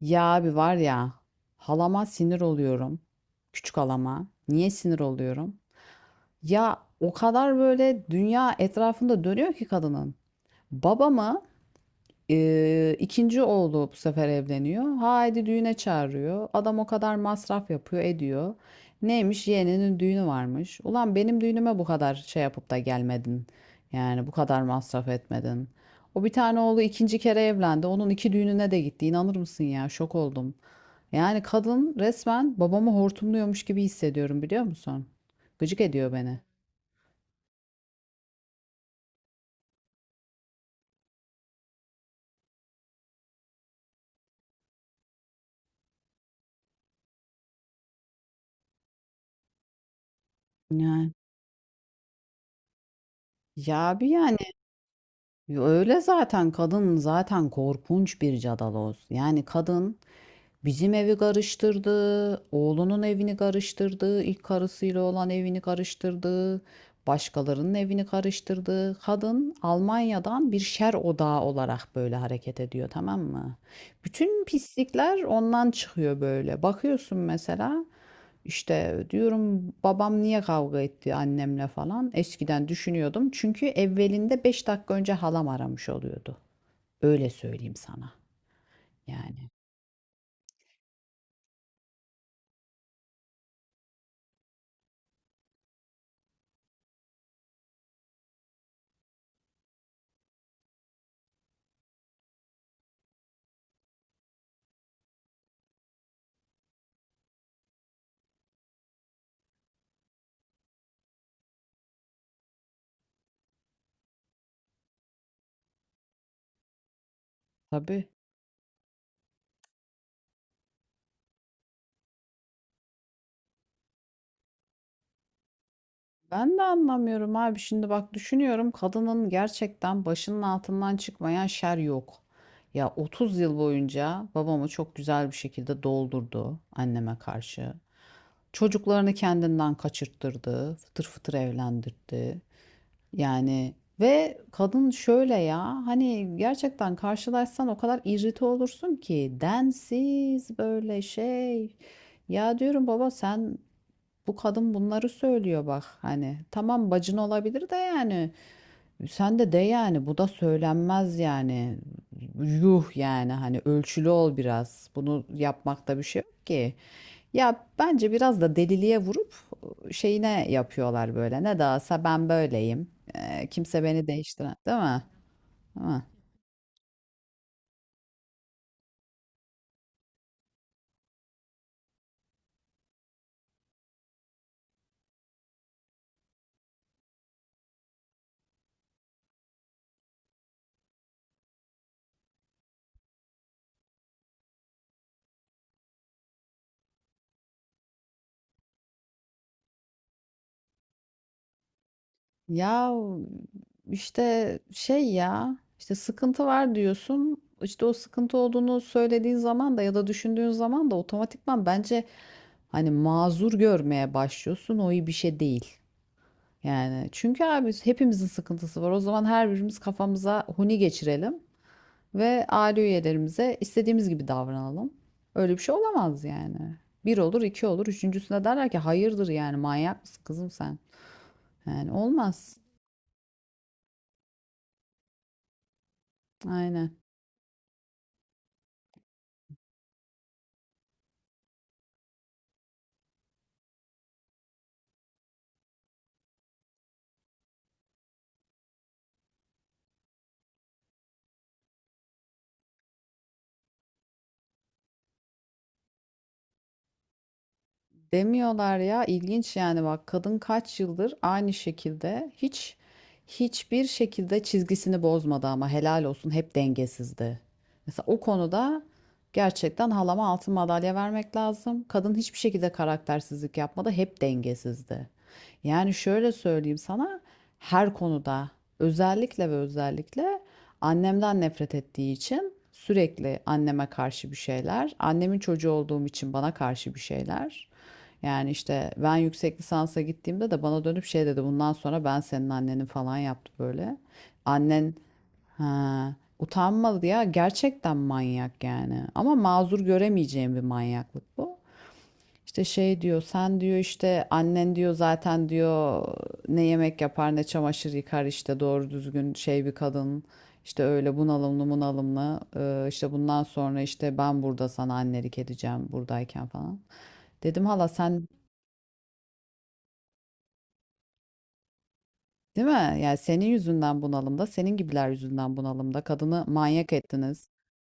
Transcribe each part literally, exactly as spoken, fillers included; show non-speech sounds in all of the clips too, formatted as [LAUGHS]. Ya abi var ya, halama sinir oluyorum. Küçük halama. Niye sinir oluyorum? Ya o kadar böyle dünya etrafında dönüyor ki kadının. Babamı e, ikinci oğlu bu sefer evleniyor. Haydi düğüne çağırıyor. Adam o kadar masraf yapıyor ediyor. Neymiş, yeğeninin düğünü varmış. Ulan benim düğünüme bu kadar şey yapıp da gelmedin. Yani bu kadar masraf etmedin. O bir tane oğlu ikinci kere evlendi. Onun iki düğününe de gitti. İnanır mısın ya? Şok oldum. Yani kadın resmen babamı hortumluyormuş gibi hissediyorum, biliyor musun? Gıcık ediyor beni. Yani. Ya bir yani, öyle zaten kadın, zaten korkunç bir cadaloz. Yani kadın bizim evi karıştırdı, oğlunun evini karıştırdı, ilk karısıyla olan evini karıştırdı, başkalarının evini karıştırdı. Kadın Almanya'dan bir şer odağı olarak böyle hareket ediyor, tamam mı? Bütün pislikler ondan çıkıyor böyle. Bakıyorsun mesela, işte diyorum babam niye kavga etti annemle falan. Eskiden düşünüyordum. Çünkü evvelinde beş dakika önce halam aramış oluyordu. Öyle söyleyeyim sana. Yani. Tabii. Ben de anlamıyorum abi. Şimdi bak, düşünüyorum kadının gerçekten başının altından çıkmayan şer yok. Ya otuz yıl boyunca babamı çok güzel bir şekilde doldurdu anneme karşı. Çocuklarını kendinden kaçırttırdı, fıtır fıtır evlendirdi. Yani ve kadın şöyle, ya hani gerçekten karşılaşsan o kadar irrite olursun ki, densiz böyle şey. Ya diyorum, baba sen, bu kadın bunları söylüyor bak, hani tamam bacın olabilir de, yani sen de de yani, bu da söylenmez yani, yuh yani, hani ölçülü ol biraz, bunu yapmakta bir şey yok ki. Ya bence biraz da deliliğe vurup şeyine yapıyorlar böyle, ne dağılsa ben böyleyim. Ee, kimse beni değiştiremez, değil mi? Değil mi? Ya işte şey, ya işte sıkıntı var diyorsun. İşte o sıkıntı olduğunu söylediğin zaman da ya da düşündüğün zaman da otomatikman bence hani mazur görmeye başlıyorsun. O iyi bir şey değil. Yani çünkü abi, hepimizin sıkıntısı var. O zaman her birimiz kafamıza huni geçirelim ve aile üyelerimize istediğimiz gibi davranalım. Öyle bir şey olamaz yani. Bir olur, iki olur. Üçüncüsüne derler ki hayırdır, yani manyak mısın kızım sen? Yani olmaz. Aynen. Demiyorlar ya, ilginç yani. Bak kadın kaç yıldır aynı şekilde hiç, hiçbir şekilde çizgisini bozmadı ama helal olsun, hep dengesizdi. Mesela o konuda gerçekten halama altın madalya vermek lazım. Kadın hiçbir şekilde karaktersizlik yapmadı, hep dengesizdi. Yani şöyle söyleyeyim sana, her konuda, özellikle ve özellikle annemden nefret ettiği için sürekli anneme karşı bir şeyler, annemin çocuğu olduğum için bana karşı bir şeyler. Yani işte ben yüksek lisansa gittiğimde de bana dönüp şey dedi, bundan sonra ben senin annenin falan yaptı böyle. Annen, ha, utanmadı ya, gerçekten manyak yani, ama mazur göremeyeceğim bir manyaklık bu. İşte şey diyor, sen diyor işte annen diyor zaten diyor, ne yemek yapar ne çamaşır yıkar, işte doğru düzgün şey bir kadın. İşte öyle bunalımlı bunalımlı, Ee, işte bundan sonra işte ben burada sana annelik edeceğim buradayken falan. Dedim, hala sen. Değil mi? Yani senin yüzünden bunalımda, senin gibiler yüzünden bunalımda. Kadını manyak ettiniz.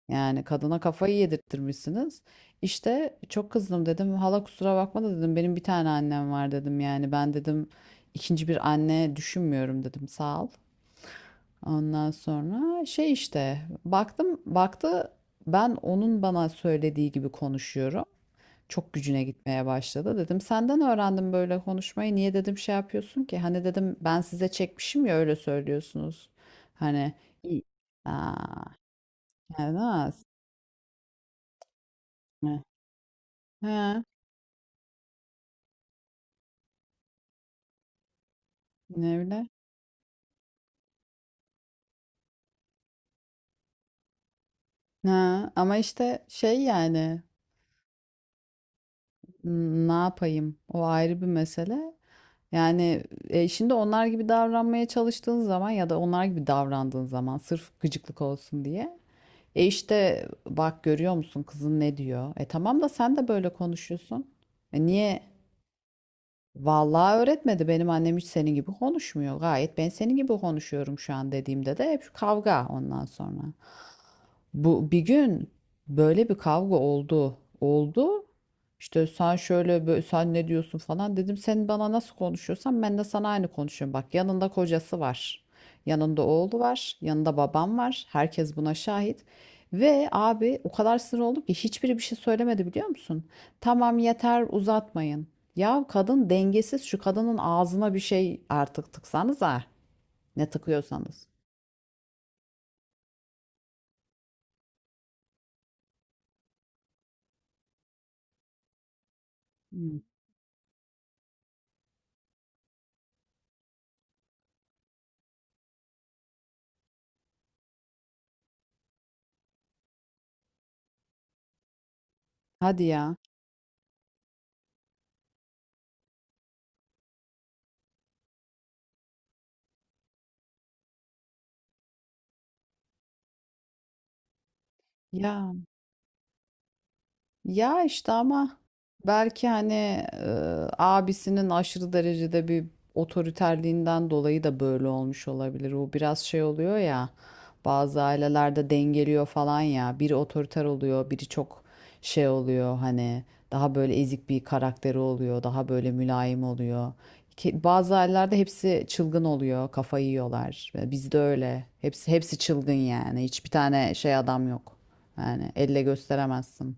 Yani kadına kafayı yedirttirmişsiniz. İşte çok kızdım, dedim hala kusura bakma da dedim, benim bir tane annem var dedim. Yani ben dedim, ikinci bir anne düşünmüyorum dedim. Sağ ol. Ondan sonra şey, işte baktım, baktı ben onun bana söylediği gibi konuşuyorum, çok gücüne gitmeye başladı. Dedim senden öğrendim böyle konuşmayı. Niye dedim şey yapıyorsun ki? Hani dedim, ben size çekmişim ya, öyle söylüyorsunuz. Hani iyi. Aa, yani az. Ne? Ha, ne bile? Ha, ama işte şey yani, n- ne yapayım? O ayrı bir mesele. Yani e, şimdi onlar gibi davranmaya çalıştığın zaman ya da onlar gibi davrandığın zaman sırf gıcıklık olsun diye, e işte bak görüyor musun kızın ne diyor? E tamam da sen de böyle konuşuyorsun. E niye? Vallahi öğretmedi. Benim annem hiç senin gibi konuşmuyor. Gayet ben senin gibi konuşuyorum şu an dediğimde de hep kavga ondan sonra. Bu bir gün böyle bir kavga oldu. Oldu. İşte sen şöyle böyle, sen ne diyorsun falan dedim. Sen bana nasıl konuşuyorsan ben de sana aynı konuşuyorum. Bak yanında kocası var. Yanında oğlu var. Yanında babam var. Herkes buna şahit. Ve abi o kadar sinir oldum ki hiçbiri bir şey söylemedi, biliyor musun? Tamam yeter, uzatmayın. Ya kadın dengesiz, şu kadının ağzına bir şey artık tıksanız, ha ne tıkıyorsanız. Hmm. Hadi ya. Ya Ya işte ama belki hani, e, abisinin aşırı derecede bir otoriterliğinden dolayı da böyle olmuş olabilir. O biraz şey oluyor ya, bazı ailelerde dengeliyor falan ya. Biri otoriter oluyor, biri çok şey oluyor, hani daha böyle ezik bir karakteri oluyor, daha böyle mülayim oluyor. Ki bazı ailelerde hepsi çılgın oluyor, kafayı yiyorlar. Bizde öyle. Hepsi hepsi çılgın yani. Hiçbir tane şey adam yok. Yani elle gösteremezsin.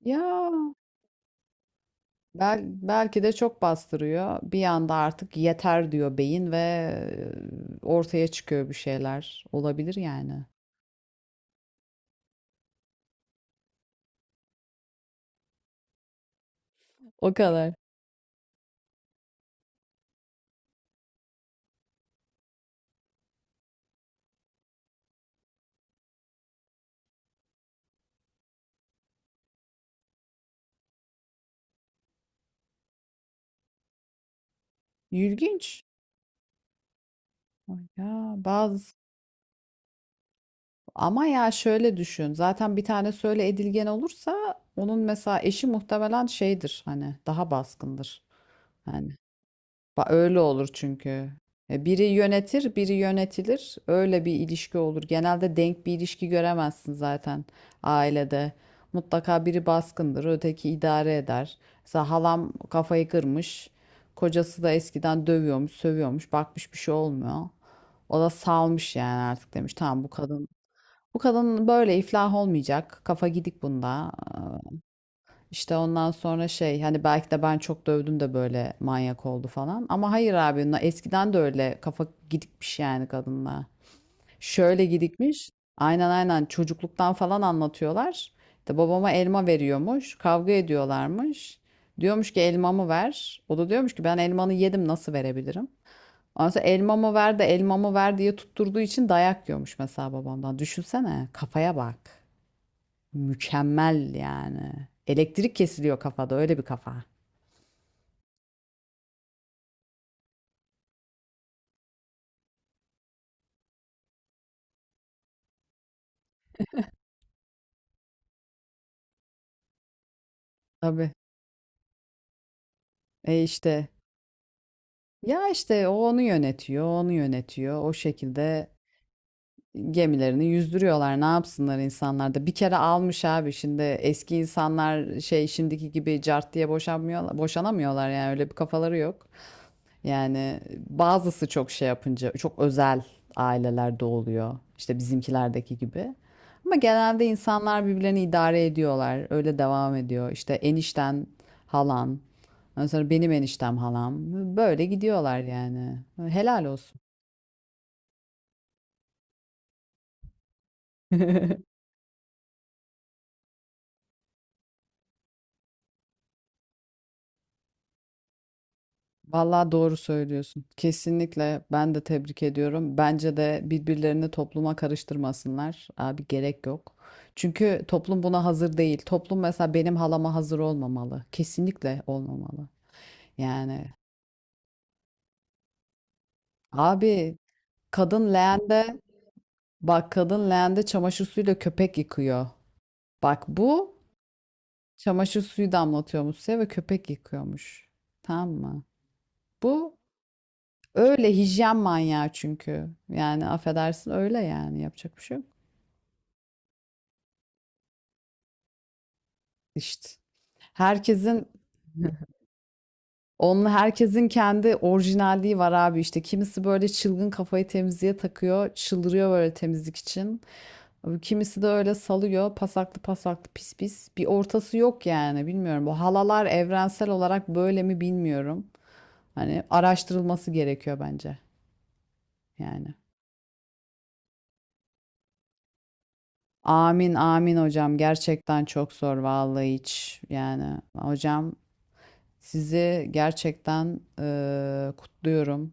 Ya bel, belki de çok bastırıyor. Bir anda artık yeter diyor beyin ve e, ortaya çıkıyor bir şeyler. Olabilir yani. O kadar. İlginç. Ay Ya bazı ama ya şöyle düşün. Zaten bir tane söyle edilgen olursa onun mesela eşi muhtemelen şeydir, hani daha baskındır. Yani. Ba- Öyle olur çünkü. E, Biri yönetir, biri yönetilir. Öyle bir ilişki olur. Genelde denk bir ilişki göremezsin zaten ailede. Mutlaka biri baskındır, öteki idare eder. Mesela halam kafayı kırmış. Kocası da eskiden dövüyormuş, sövüyormuş. Bakmış bir şey olmuyor. O da salmış yani, artık demiş tamam bu kadın. Bu kadın böyle iflah olmayacak. Kafa gidik bunda. İşte ondan sonra şey, hani belki de ben çok dövdüm de böyle manyak oldu falan. Ama hayır abi, na- eskiden de öyle kafa gidikmiş yani kadınla. Şöyle gidikmiş. Aynen, aynen, çocukluktan falan anlatıyorlar. İşte babama elma veriyormuş. Kavga ediyorlarmış. Diyormuş ki elmamı ver. O da diyormuş ki ben elmanı yedim, nasıl verebilirim? Ondan sonra elmamı ver de elmamı ver diye tutturduğu için dayak yiyormuş mesela babamdan. Düşünsene kafaya bak. Mükemmel yani. Elektrik kesiliyor kafada, öyle bir kafa. Tabii. E işte, ya işte o onu yönetiyor, onu yönetiyor. O şekilde gemilerini yüzdürüyorlar. Ne yapsınlar insanlar da. Bir kere almış abi, şimdi eski insanlar şey, şimdiki gibi cart diye boşanmıyorlar, boşanamıyorlar yani, öyle bir kafaları yok. Yani bazısı çok şey yapınca, çok özel ailelerde oluyor, İşte bizimkilerdeki gibi. Ama genelde insanlar birbirlerini idare ediyorlar. Öyle devam ediyor. İşte enişten halan. Ondan sonra benim eniştem halam. Böyle gidiyorlar yani. Helal olsun. [LAUGHS] Vallahi doğru söylüyorsun. Kesinlikle ben de tebrik ediyorum. Bence de birbirlerini topluma karıştırmasınlar. Abi gerek yok. Çünkü toplum buna hazır değil. Toplum mesela benim halama hazır olmamalı. Kesinlikle olmamalı. Yani abi kadın leğende, bak kadın leğende çamaşır suyuyla köpek yıkıyor. Bak bu çamaşır suyu damlatıyormuş size ve köpek yıkıyormuş. Tamam mı? Bu, öyle hijyen manyağı çünkü. Yani affedersin, öyle yani, yapacak bir şey yok. İşte herkesin, onunla herkesin kendi orijinalliği var abi işte. Kimisi böyle çılgın kafayı temizliğe takıyor, çıldırıyor böyle temizlik için. Kimisi de öyle salıyor, pasaklı pasaklı pis pis. Bir ortası yok yani, bilmiyorum. Bu halalar evrensel olarak böyle mi bilmiyorum. Hani araştırılması gerekiyor bence yani. Amin amin hocam, gerçekten çok zor vallahi, hiç yani hocam sizi gerçekten eee, kutluyorum.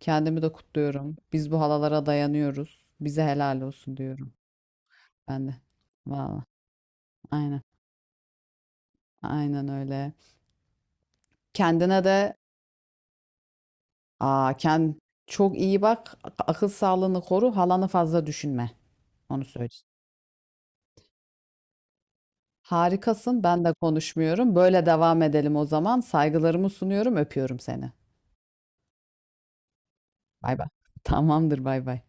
Kendimi de kutluyorum. Biz bu halalara dayanıyoruz. Bize helal olsun diyorum ben de. Vallahi, aynen. Aynen öyle. Kendine de aa, kend, çok iyi bak. ak- Akıl sağlığını koru. Halanı fazla düşünme. Onu söyleyeyim. Harikasın. Ben de konuşmuyorum. Böyle devam edelim o zaman. Saygılarımı sunuyorum. Öpüyorum seni. Bay bay. Tamamdır. Bay bay.